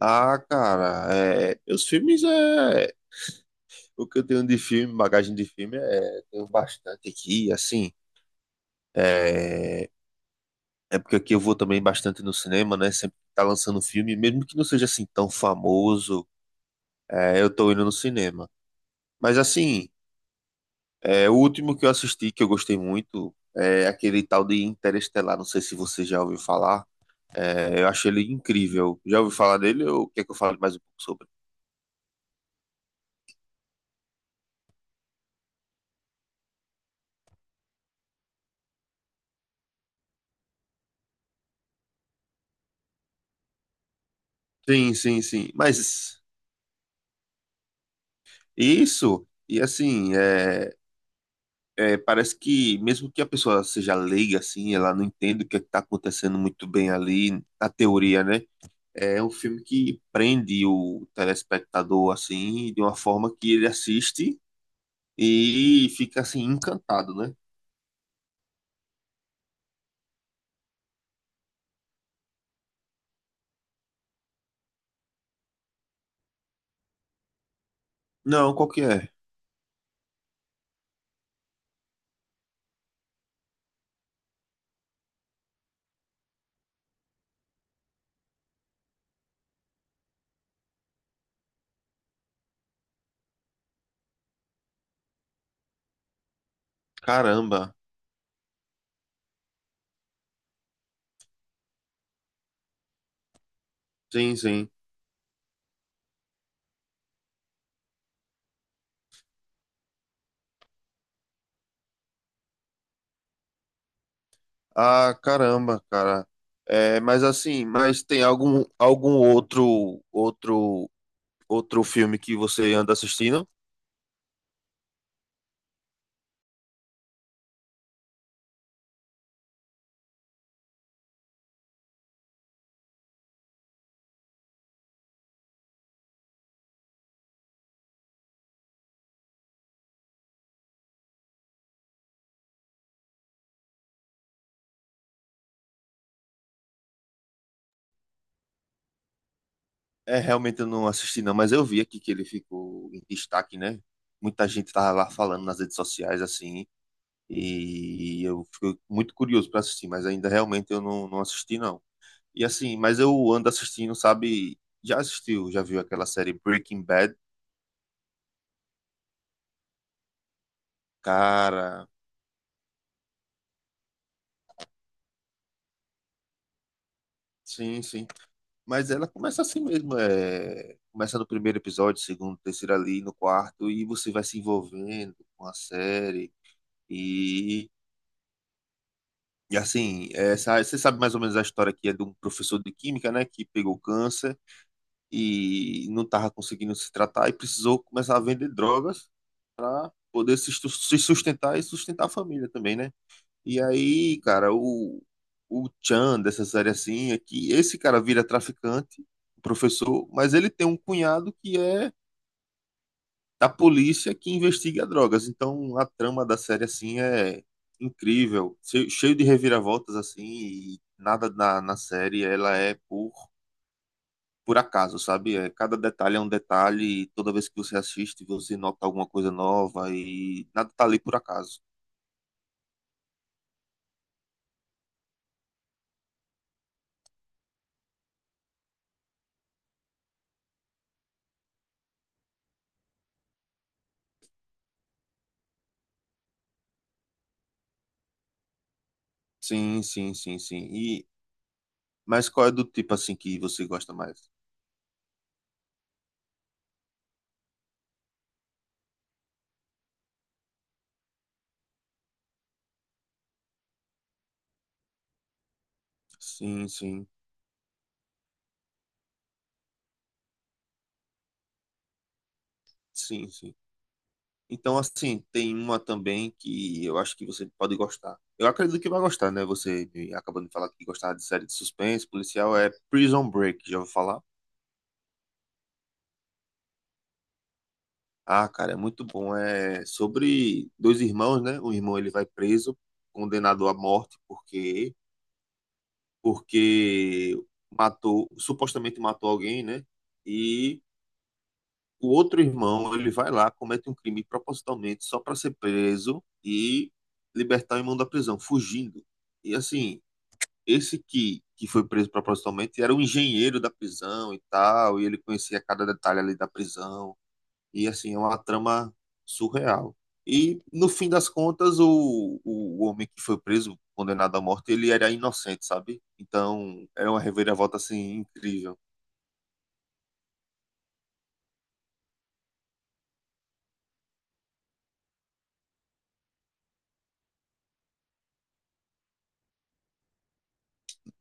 Ah, cara, é, os filmes é. O que eu tenho de filme, bagagem de filme, é. Tenho bastante aqui, assim. É, é porque aqui eu vou também bastante no cinema, né? Sempre tá lançando filme, mesmo que não seja assim tão famoso, é, eu tô indo no cinema. Mas assim, é, o último que eu assisti que eu gostei muito é aquele tal de Interestelar. Não sei se você já ouviu falar. É, eu achei ele incrível. Já ouviu falar dele ou quer que eu fale mais um pouco sobre? Sim, sim, sim. Mas. Isso, e assim, é, parece que mesmo que a pessoa seja leiga, assim, ela não entende o que está acontecendo muito bem ali, na teoria, né? É um filme que prende o telespectador, assim, de uma forma que ele assiste e fica, assim, encantado, né? Não, qual que é? Caramba, sim, sim. Ah, caramba, cara. É, mas assim, mas tem algum outro filme que você anda assistindo? É, realmente eu não assisti não, mas eu vi aqui que ele ficou em destaque, né? Muita gente tava lá falando nas redes sociais, assim, e eu fico muito curioso para assistir, mas ainda realmente eu não assisti não. E assim, mas eu ando assistindo, sabe? Já assistiu, já viu aquela série Breaking Bad? Cara, sim, sim. Mas ela começa assim mesmo, Começa no primeiro episódio, segundo, terceiro ali, no quarto, e você vai se envolvendo com a série, e E assim, você sabe mais ou menos a história que é de um professor de química, né, que pegou câncer e não estava conseguindo se tratar e precisou começar a vender drogas para poder se sustentar e sustentar a família também, né? E aí, cara, o Chan dessa série assim é que esse cara vira traficante, professor, mas ele tem um cunhado que é da polícia que investiga drogas. Então a trama da série assim é incrível, cheio de reviravoltas assim, e nada na série ela é por acaso, sabe? É, cada detalhe é um detalhe, e toda vez que você assiste, você nota alguma coisa nova e nada tá ali por acaso. Sim, sim, sim, sim. E mas qual é do tipo assim que você gosta mais? Sim, sim. Sim, sim. Então, assim, tem uma também que eu acho que você pode gostar. Eu acredito que vai gostar, né? Você me acabou de falar que gostava de série de suspense policial, é Prison Break, já ouviu falar? Ah, cara, é muito bom. É sobre dois irmãos, né? Um irmão ele vai preso, condenado à morte porque matou, supostamente matou alguém, né? E o outro irmão, ele vai lá, comete um crime propositalmente só para ser preso e libertar o irmão da prisão, fugindo. E assim, esse que foi preso propositalmente era um engenheiro da prisão e tal, e ele conhecia cada detalhe ali da prisão. E assim, é uma trama surreal. E no fim das contas, o homem que foi preso, condenado à morte, ele era inocente, sabe? Então, era uma reviravolta assim incrível.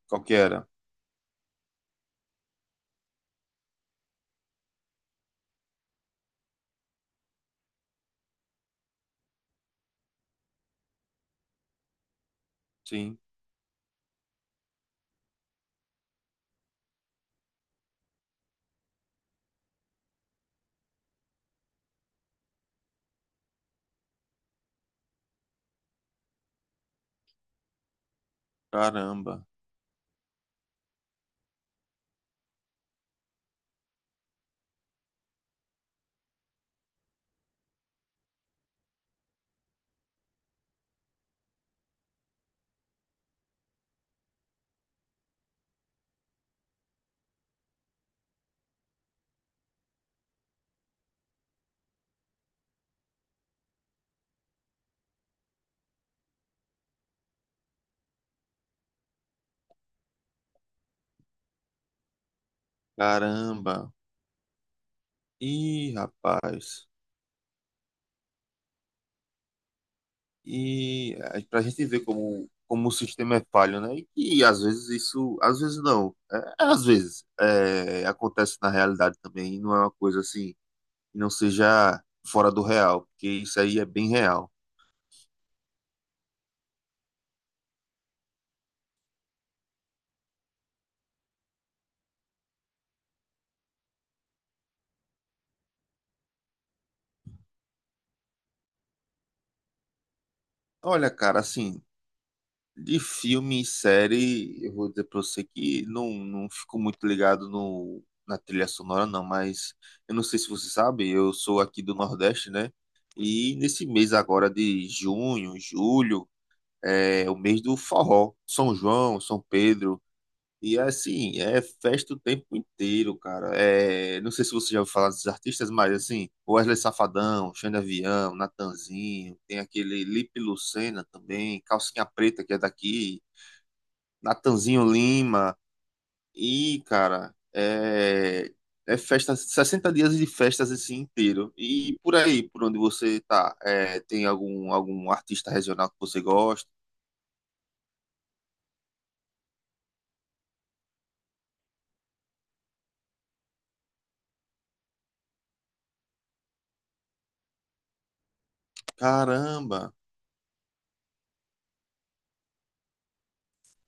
Qual que era? Sim. Caramba. Caramba. Ih, rapaz. E para a gente ver como o sistema é falho, né? E que às vezes isso, às vezes não, é às vezes é, acontece na realidade também, e não é uma coisa assim, que não seja fora do real, porque isso aí é bem real. Olha, cara, assim, de filme e série, eu vou dizer pra você que não, não fico muito ligado no, na, trilha sonora, não, mas eu não sei se você sabe, eu sou aqui do Nordeste, né? E nesse mês agora de junho, julho, é o mês do forró, São João, São Pedro. E assim, é festa o tempo inteiro, cara. É, não sei se você já ouviu falar desses artistas, mas assim, Wesley Safadão, Xande Avião, Natanzinho, tem aquele Lipe Lucena também, Calcinha Preta, que é daqui, Natanzinho Lima. E, cara, é, é festa, 60 dias de festas assim inteiro. E por aí, por onde você tá, é, tem algum artista regional que você gosta? Caramba!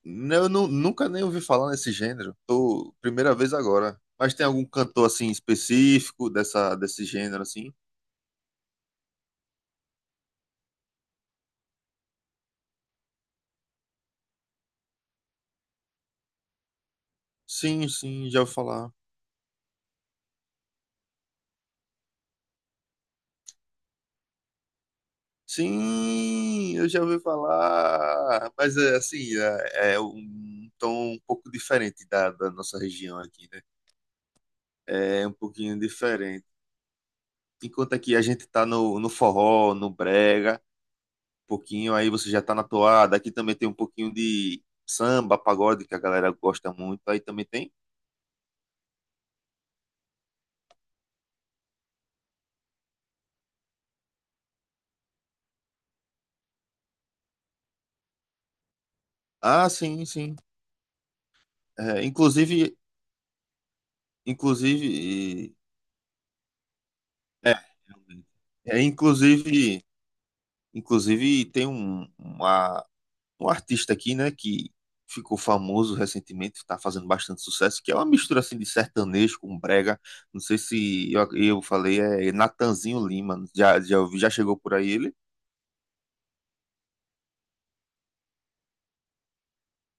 Né, Eu nunca nem ouvi falar nesse gênero. Tô primeira vez agora. Mas tem algum cantor assim específico dessa desse gênero assim? Sim, sim, já ouvi falar. Sim, eu já ouvi falar. Mas é assim, é um tom um pouco diferente da nossa região aqui, né? É um pouquinho diferente. Enquanto aqui a gente tá no, forró, no brega, um pouquinho aí você já tá na toada. Aqui também tem um pouquinho de samba, pagode que a galera gosta muito. Aí também tem Ah, sim, sim. É, inclusive, inclusive, é, é, inclusive, inclusive tem um, um artista aqui, né, que ficou famoso recentemente, está fazendo bastante sucesso, que é uma mistura assim de sertanejo com brega. Não sei se eu falei, é Natanzinho Lima. Já chegou por aí ele?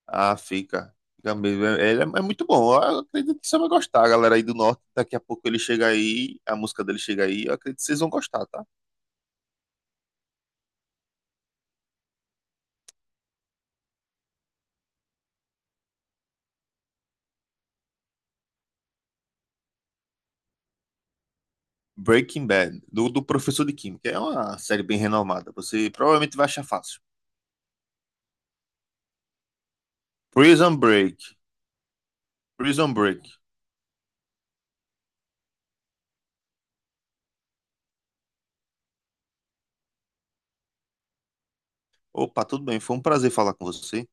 Ah, fica. Fica mesmo. Ele é muito bom. Eu acredito que você vai gostar, galera aí do norte. Daqui a pouco ele chega aí, a música dele chega aí. Eu acredito que vocês vão gostar, tá? Breaking Bad, do professor de química. É uma série bem renomada. Você provavelmente vai achar fácil. Prison Break. Prison Break. Opa, tudo bem. Foi um prazer falar com você.